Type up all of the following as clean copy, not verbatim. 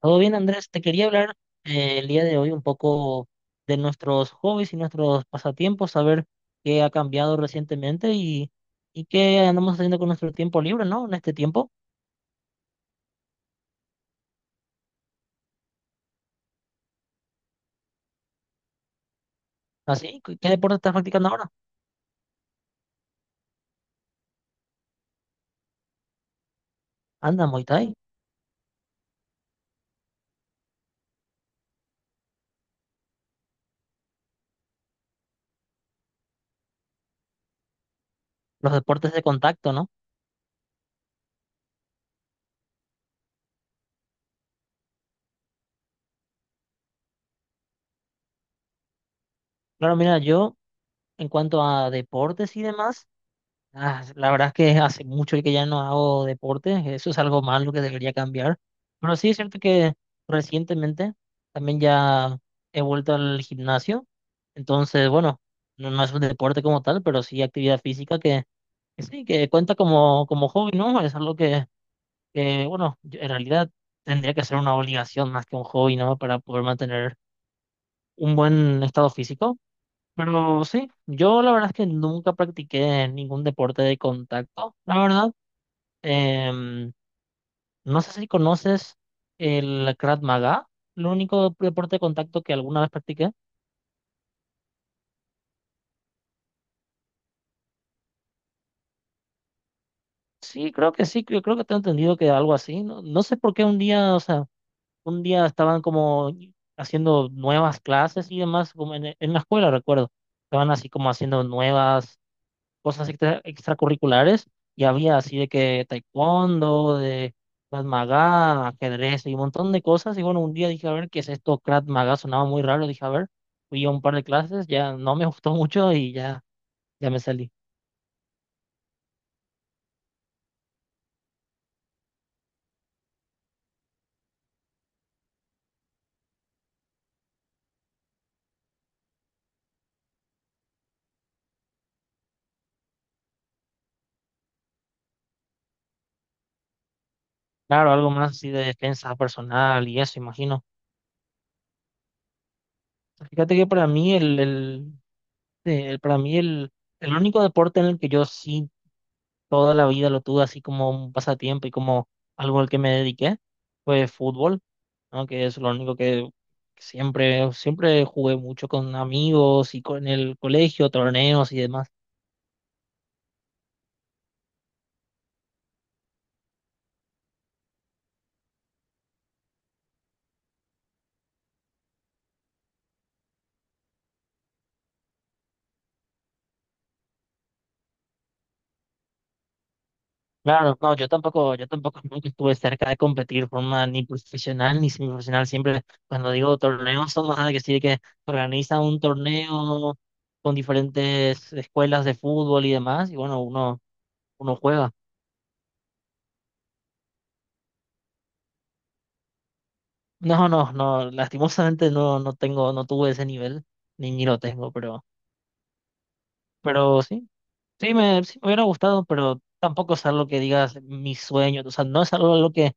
Todo bien, Andrés. Te quería hablar el día de hoy un poco de nuestros hobbies y nuestros pasatiempos, saber qué ha cambiado recientemente y qué andamos haciendo con nuestro tiempo libre, ¿no? En este tiempo. Así, ¿qué deporte estás practicando ahora? Anda, Muay Thai. Los deportes de contacto, ¿no? Claro, mira, yo en cuanto a deportes y demás. Ah, la verdad es que hace mucho que ya no hago deporte, eso es algo malo que debería cambiar. Pero sí es cierto que recientemente también ya he vuelto al gimnasio, entonces bueno, no es un deporte como tal, pero sí actividad física que sí, que cuenta como, como hobby, ¿no? Es algo bueno, en realidad tendría que ser una obligación más que un hobby, ¿no? Para poder mantener un buen estado físico. Pero sí, yo la verdad es que nunca practiqué ningún deporte de contacto, la verdad. Em, no sé si conoces el Krav Maga, el único deporte de contacto que alguna vez practiqué. Sí, creo que sí, yo creo que tengo entendido que algo así. No, no sé por qué un día, o sea, un día estaban como haciendo nuevas clases y demás, como en la escuela, recuerdo. Estaban así como haciendo nuevas cosas extracurriculares y había así de que taekwondo, de Krav Maga, ajedrez y un montón de cosas. Y bueno, un día dije, a ver, ¿qué es esto? Krav Maga sonaba muy raro, dije, a ver, fui a un par de clases, ya no me gustó mucho y ya, ya me salí. Claro, algo más así de defensa personal y eso, imagino. Fíjate que para mí el- para mí el único deporte en el que yo sí toda la vida lo tuve así como un pasatiempo y como algo al que me dediqué fue fútbol. No, que es lo único que siempre, siempre jugué mucho con amigos y con el colegio, torneos y demás. Claro, no, yo tampoco nunca estuve cerca de competir de forma ni profesional ni semiprofesional. Siempre cuando digo torneos son más de que sí, que organiza un torneo con diferentes escuelas de fútbol y demás, y bueno, uno juega. No, no, no, lastimosamente no tuve ese nivel, ni lo tengo, pero sí. Sí me hubiera gustado, pero tampoco es algo que digas mi sueño. O sea, no es algo a lo que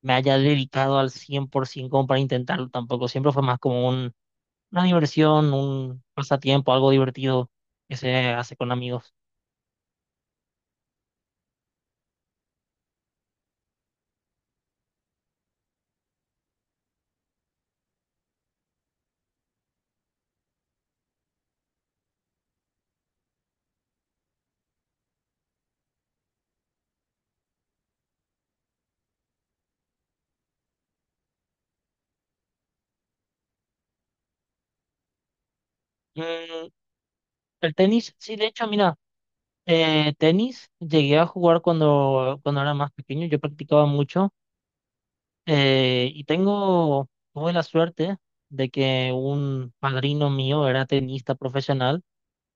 me haya dedicado al 100% como para intentarlo tampoco. Siempre fue más como un, una diversión, un pasatiempo, algo divertido que se hace con amigos. Mm, el tenis, sí, de hecho, mira, tenis llegué a jugar cuando, cuando era más pequeño. Yo practicaba mucho y tengo, tuve la suerte de que un padrino mío era tenista profesional.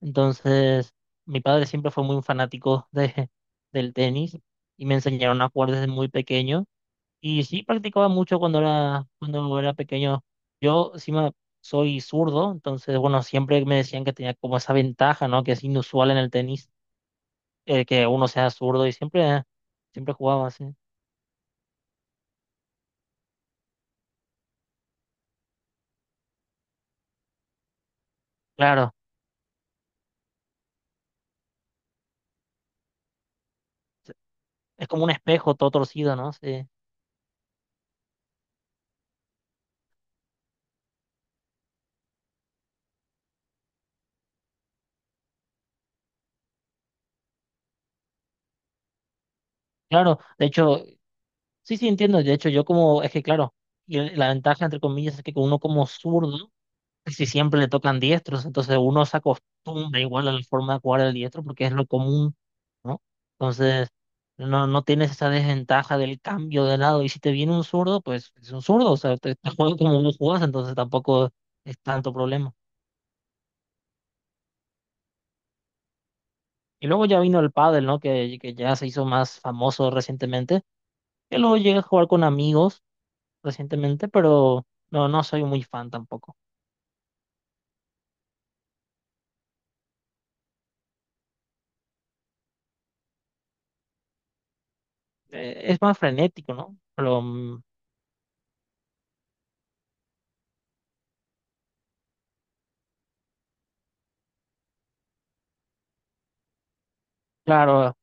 Entonces, mi padre siempre fue muy fanático del tenis y me enseñaron a jugar desde muy pequeño. Y sí practicaba mucho cuando era pequeño. Yo encima soy zurdo, entonces, bueno, siempre me decían que tenía como esa ventaja, ¿no? Que es inusual en el tenis, que uno sea zurdo y siempre, siempre jugaba así. Claro, es como un espejo todo torcido, ¿no? Sí. Claro, de hecho, sí, sí entiendo. De hecho, yo como, es que claro, y la ventaja, entre comillas, es que uno como zurdo si siempre le tocan diestros, entonces uno se acostumbra igual a la forma de jugar el diestro porque es lo común, ¿no? Entonces, no, no tienes esa desventaja del cambio de lado. Y si te viene un zurdo, pues es un zurdo, o sea, te juega como vos jugás, entonces tampoco es tanto problema. Y luego ya vino el pádel, ¿no? Que ya se hizo más famoso recientemente. Yo luego llegué a jugar con amigos recientemente, pero no, no soy muy fan tampoco. Es más frenético, ¿no? Pero mm, claro.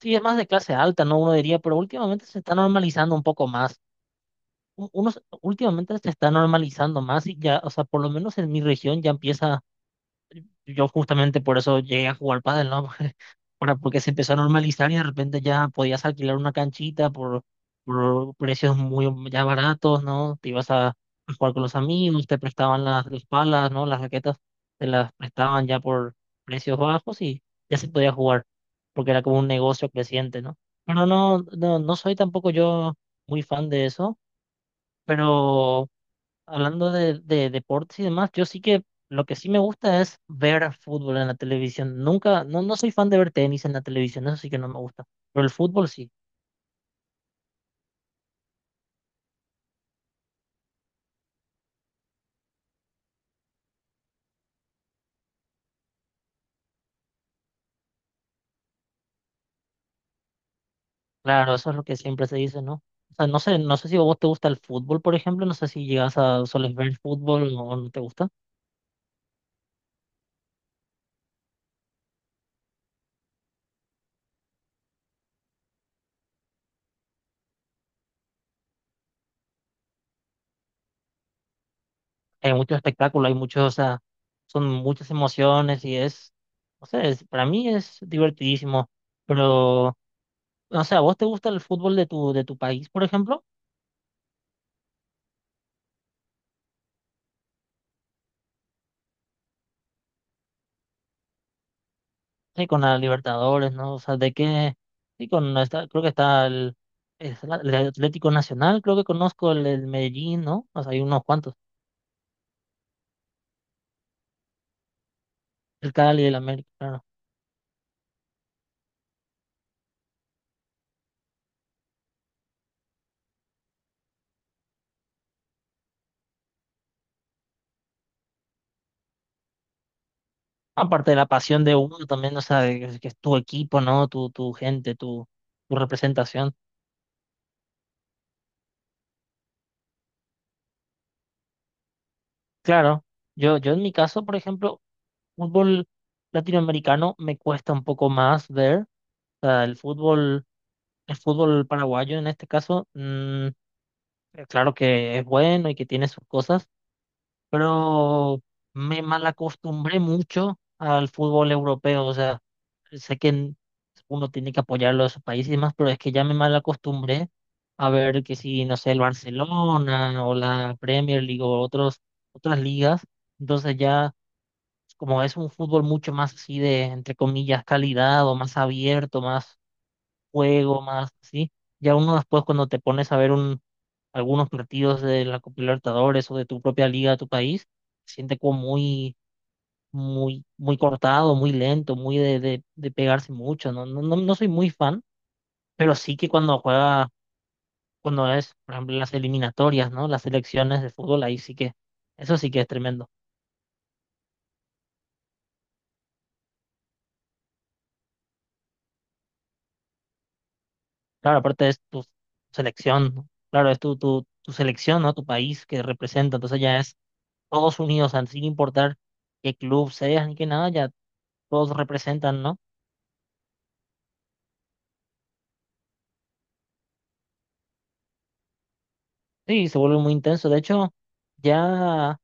Sí, es más de clase alta, ¿no? Uno diría, pero últimamente se está normalizando un poco más. Últimamente se está normalizando más y ya, o sea, por lo menos en mi región ya empieza, yo justamente por eso llegué a jugar pádel, ¿no? Ahora, porque se empezó a normalizar y de repente ya podías alquilar una canchita por precios muy ya baratos, ¿no? Te ibas a jugar con los amigos, te prestaban las palas, ¿no? Las raquetas te las prestaban ya por precios bajos y ya se podía jugar, porque era como un negocio creciente, ¿no? Pero no soy tampoco yo muy fan de eso, pero hablando de deportes y demás, yo sí que lo que sí me gusta es ver fútbol en la televisión. Nunca, no, no soy fan de ver tenis en la televisión, eso sí que no me gusta. Pero el fútbol sí, claro, eso es lo que siempre se dice, ¿no? O sea, no sé, no sé si a vos te gusta el fútbol, por ejemplo, no sé si llegas a, soles ver fútbol o no te gusta. Hay mucho espectáculo, hay muchos, o sea, son muchas emociones y es, no sé, es- para mí es divertidísimo, pero, no sé, ¿a vos te gusta el fútbol de de tu país, por ejemplo? Sí, con la Libertadores, ¿no? O sea, de qué, sí, con esta, creo que está es el Atlético Nacional, creo que conozco el Medellín, ¿no? O sea, hay unos cuantos, el Cali, el América, claro. Aparte de la pasión de uno también, o sea, que es tu equipo, ¿no? Tu gente, tu representación. Claro, yo en mi caso, por ejemplo, fútbol latinoamericano me cuesta un poco más ver, o sea, el fútbol paraguayo en este caso, mm, claro que es bueno y que tiene sus cosas, pero me malacostumbré mucho al fútbol europeo. O sea, sé que uno tiene que apoyarlo a esos países y demás, pero es que ya me malacostumbré a ver que si, no sé, el Barcelona o la Premier League o otras ligas. Entonces ya, como es un fútbol mucho más así de, entre comillas, calidad o más abierto, más juego, más así, ya uno después cuando te pones a ver un algunos partidos de la Copa Libertadores o de tu propia liga de tu país, se siente como muy, muy, muy cortado, muy lento, muy de pegarse mucho. No, no, no, no soy muy fan, pero sí que cuando juega, cuando es, por ejemplo, las eliminatorias, ¿no? Las selecciones de fútbol, ahí sí que, eso sí que es tremendo. Claro, aparte es tu selección, ¿no? Claro, es tu selección, ¿no? Tu país que representa, entonces ya es todos unidos, sin importar qué club seas ni qué nada, ya todos representan, ¿no? Sí, se vuelve muy intenso. De hecho, ya,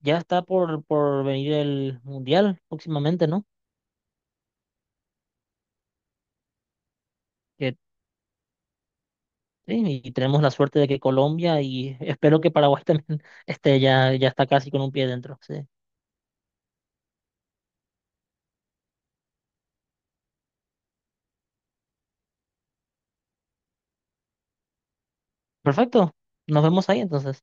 ya está por venir el Mundial próximamente, ¿no? Que, sí, y tenemos la suerte de que Colombia y espero que Paraguay también esté ya, ya está casi con un pie dentro. Sí. Perfecto. Nos vemos ahí entonces.